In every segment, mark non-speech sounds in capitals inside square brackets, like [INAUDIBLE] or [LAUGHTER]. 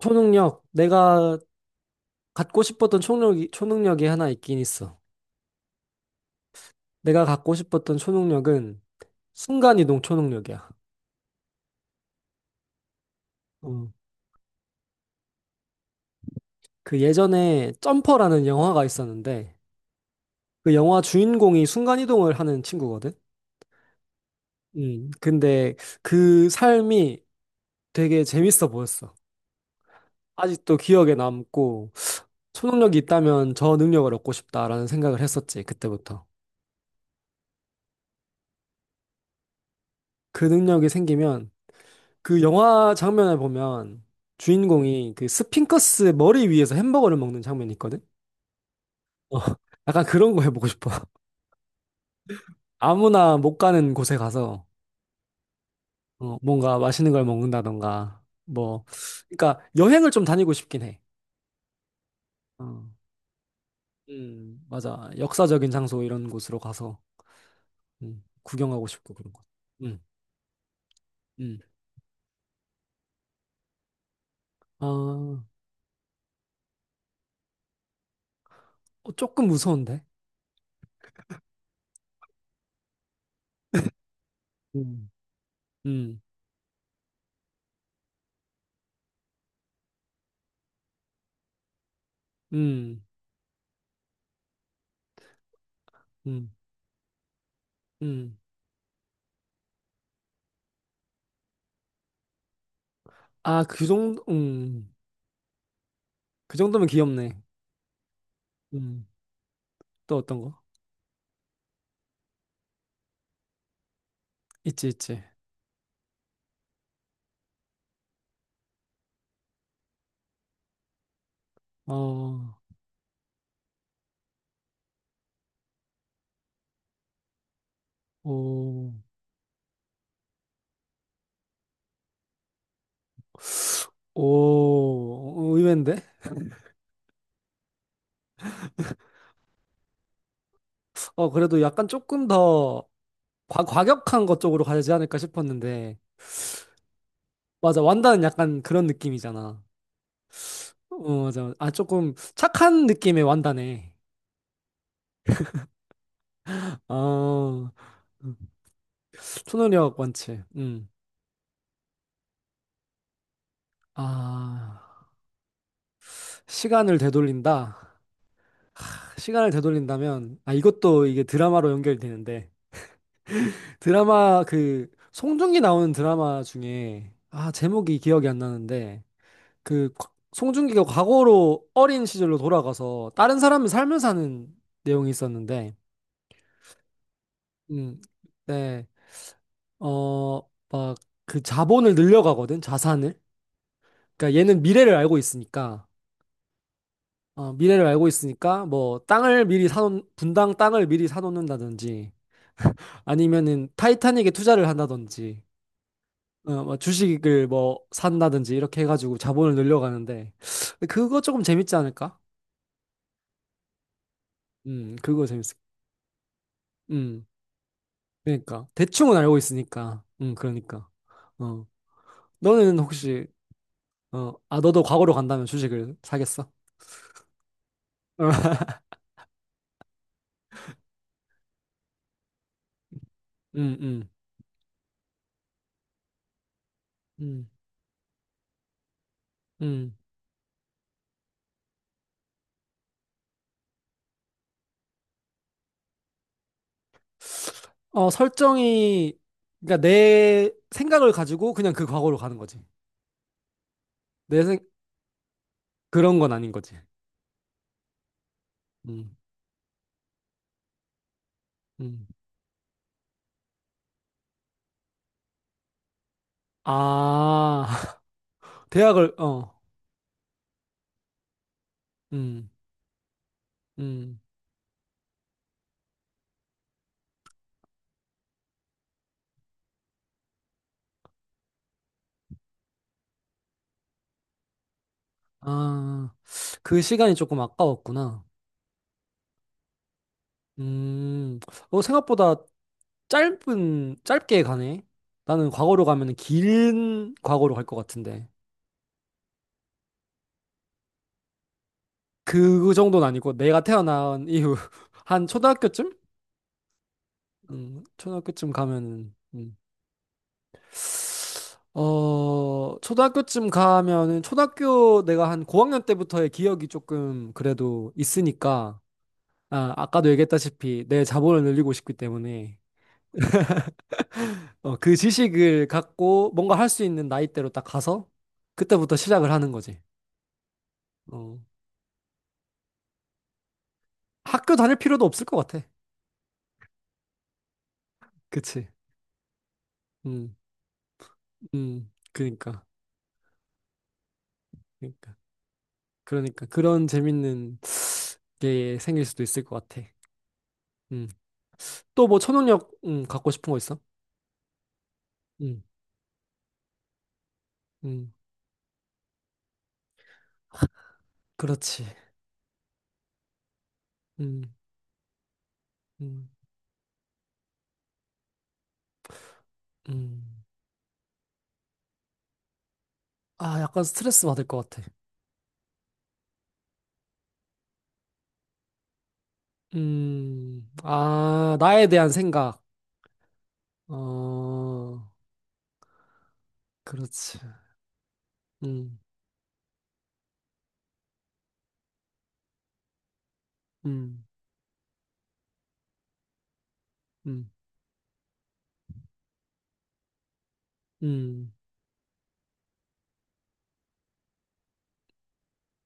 초능력, 내가 갖고 싶었던 초능력이 하나 있긴 있어. 내가 갖고 싶었던 초능력은 순간이동 초능력이야. 어, 그 예전에 점퍼라는 영화가 있었는데, 그 영화 주인공이 순간이동을 하는 친구거든? 근데 그 삶이 되게 재밌어 보였어. 아직도 기억에 남고, 초능력이 있다면 저 능력을 얻고 싶다라는 생각을 했었지, 그때부터. 그 능력이 생기면 그 영화 장면을 보면 주인공이 그 스핑커스 머리 위에서 햄버거를 먹는 장면이 있거든? 어. [LAUGHS] 약간 그런 거 해보고 싶어. [LAUGHS] 아무나 못 가는 곳에 가서 뭔가 맛있는 걸 먹는다던가 뭐 그러니까 여행을 좀 다니고 싶긴 해. 어, 맞아. 역사적인 장소 이런 곳으로 가서 구경하고 싶고 그런 거. 음, 음. 아, 어, 조금 무서운데? 음, 음, 음, 음, 음. 아, 그 정도면 귀엽네. 음, 또 어떤 거? 있지, 있지. 어, 오, 오, 의외인데? 그래도 약간 조금 더 과격한 것 쪽으로 가지 않을까 싶었는데. 맞아, 완다는 약간 그런 느낌이잖아. 어, 맞아. 아, 조금 착한 느낌의 완다네. 어, 음, 초능력 완치. 음. 아, 시간을 되돌린다. 시간을 되돌린다면, 아, 이것도 이게 드라마로 연결되는데. 드라마 그 송중기 나오는 드라마 중에 아 제목이 기억이 안 나는데 송중기가 과거로 어린 시절로 돌아가서 다른 사람을 살면서 하는 내용이 있었는데 음, 네, 어, 막 그 자본을 늘려가거든, 자산을. 그러니까 얘는 미래를 알고 있으니까 뭐 땅을 미리 사놓 분당 땅을 미리 사놓는다든지, 아니면은 타이타닉에 투자를 한다든지, 뭐 주식을 뭐 산다든지 이렇게 해가지고 자본을 늘려가는데, 그거 조금 재밌지 않을까? 그거 재밌을. 음, 그러니까 대충은 알고 있으니까. 그러니까. 어, 너는 혹시 어, 아 너도 과거로 간다면 주식을 사겠어? [LAUGHS] 어. 음, 음, 음, 음. 어, 설정이 그러니까 내 생각을 가지고 그냥 그 과거로 가는 거지. 내 생, 그런 건 아닌 거지. 음, 음. 아, [LAUGHS] 대학을 어, 음, 음. 아, 그 시간이 조금 아까웠구나. 음, 생각보다 짧게 가네. 나는 과거로 가면 긴 과거로 갈 것 같은데. 그 정도는 아니고 내가 태어난 이후 [LAUGHS] 한 초등학교쯤? 초등학교쯤 가면은. 초등학교쯤 가면은 초등학교 내가 한 고학년 때부터의 기억이 조금 그래도 있으니까, 아, 아까도 얘기했다시피 내 자본을 늘리고 싶기 때문에 그 지식을 갖고 뭔가 할 수 있는 나이대로 딱 가서 그때부터 시작을 하는 거지. 어. 학교 다닐 필요도 없을 것 같아. 그치? 음, 음, 그니까, 그니까, 그러니까 그런 재밌는 게 생길 수도 있을 것 같아. 음, 또 뭐 초능력 갖고 싶은 거 있어? 음, 음, 그렇지. 음, 음, 음. 아, 약간 스트레스 받을 것 같아. 아, 나에 대한 생각. 어, 그렇지. 음, 음. 음. 음.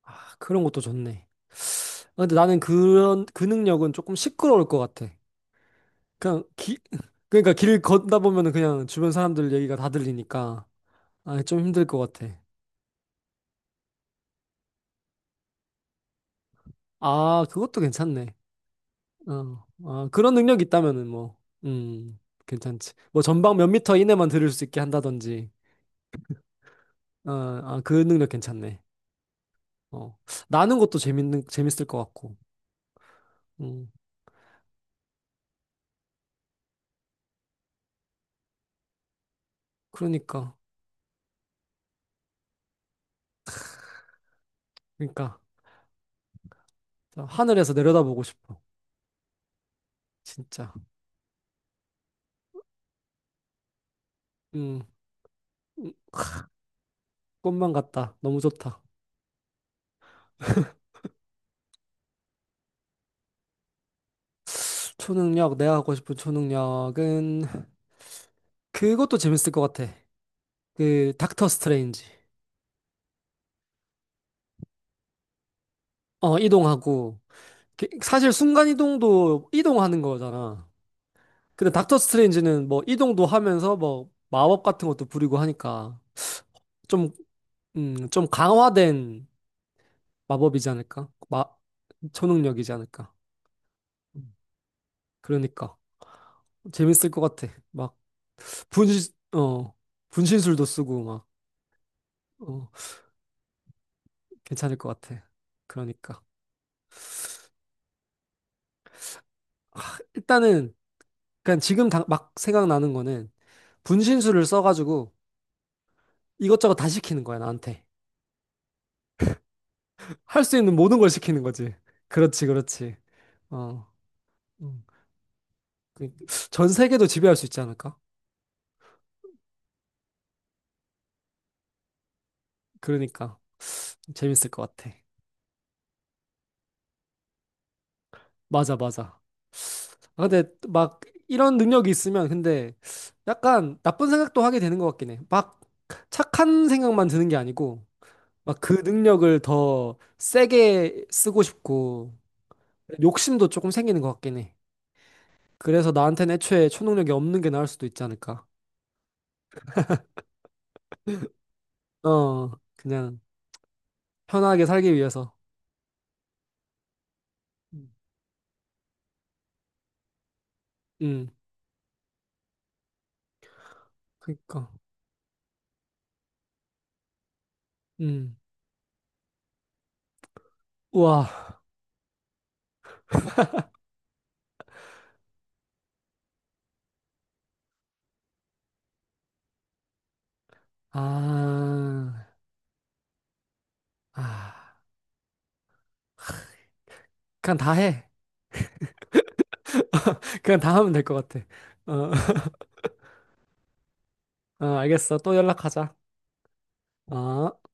아, 그런 것도 좋네. 아, 근데 나는 그런 그 능력은 조금 시끄러울 것 같아. 그냥 기 [LAUGHS] 그러니까 길 걷다 보면은 그냥 주변 사람들 얘기가 다 들리니까 아, 좀 힘들 것 같아. 아, 그것도 괜찮네. 어. 아, 그런 능력이 있다면은 뭐 음, 괜찮지. 뭐 전방 몇 미터 이내만 들을 수 있게 한다든지. 그 능력 괜찮네. 어. 나는 것도 재밌는 재밌을 것 같고. 음. 그러니까. 그러니까 자, 하늘에서 내려다보고 싶어. 진짜. 음. 음. 꿈만 같다. 너무 좋다. 초능력, 내가 갖고 싶은 초능력은 그것도 재밌을 것 같아. 그 닥터 스트레인지. 이동하고 사실 순간 이동도 이동하는 거잖아. 근데 닥터 스트레인지는 뭐 이동도 하면서 뭐 마법 같은 것도 부리고 하니까 좀, 좀 강화된 마법이지 않을까? 초능력이지 않을까? 음, 그러니까 재밌을 것 같아. 막 분신, 어, 분신술도 쓰고 막. 어. 괜찮을 것 같아. 그러니까. 일단은, 그냥 지금 막 생각나는 거는 분신술을 써가지고 이것저것 다 시키는 거야, 나한테. 할 수 있는 모든 걸 시키는 거지. 그렇지, 그렇지. 어. 음. 그- 전 세계도 지배할 수 있지 않을까? 그러니까. 재밌을 것 같아. 맞아, 맞아. 아, 근데 막 이런 능력이 있으면 근데 약간 나쁜 생각도 하게 되는 것 같긴 해. 막 착한 생각만 드는 게 아니고 막 그 능력을 더 세게 쓰고 싶고 욕심도 조금 생기는 것 같긴 해. 그래서 나한테는 애초에 초능력이 없는 게 나을 수도 있지 않을까. 그냥 편하게 살기 위해서. 음, 음, 그니까. 음. 우와. 아, 아. 그냥 다 해. [LAUGHS] 그냥 다 하면 될 것 같아. 어, [LAUGHS] 어, 알겠어. 또 연락하자. 어.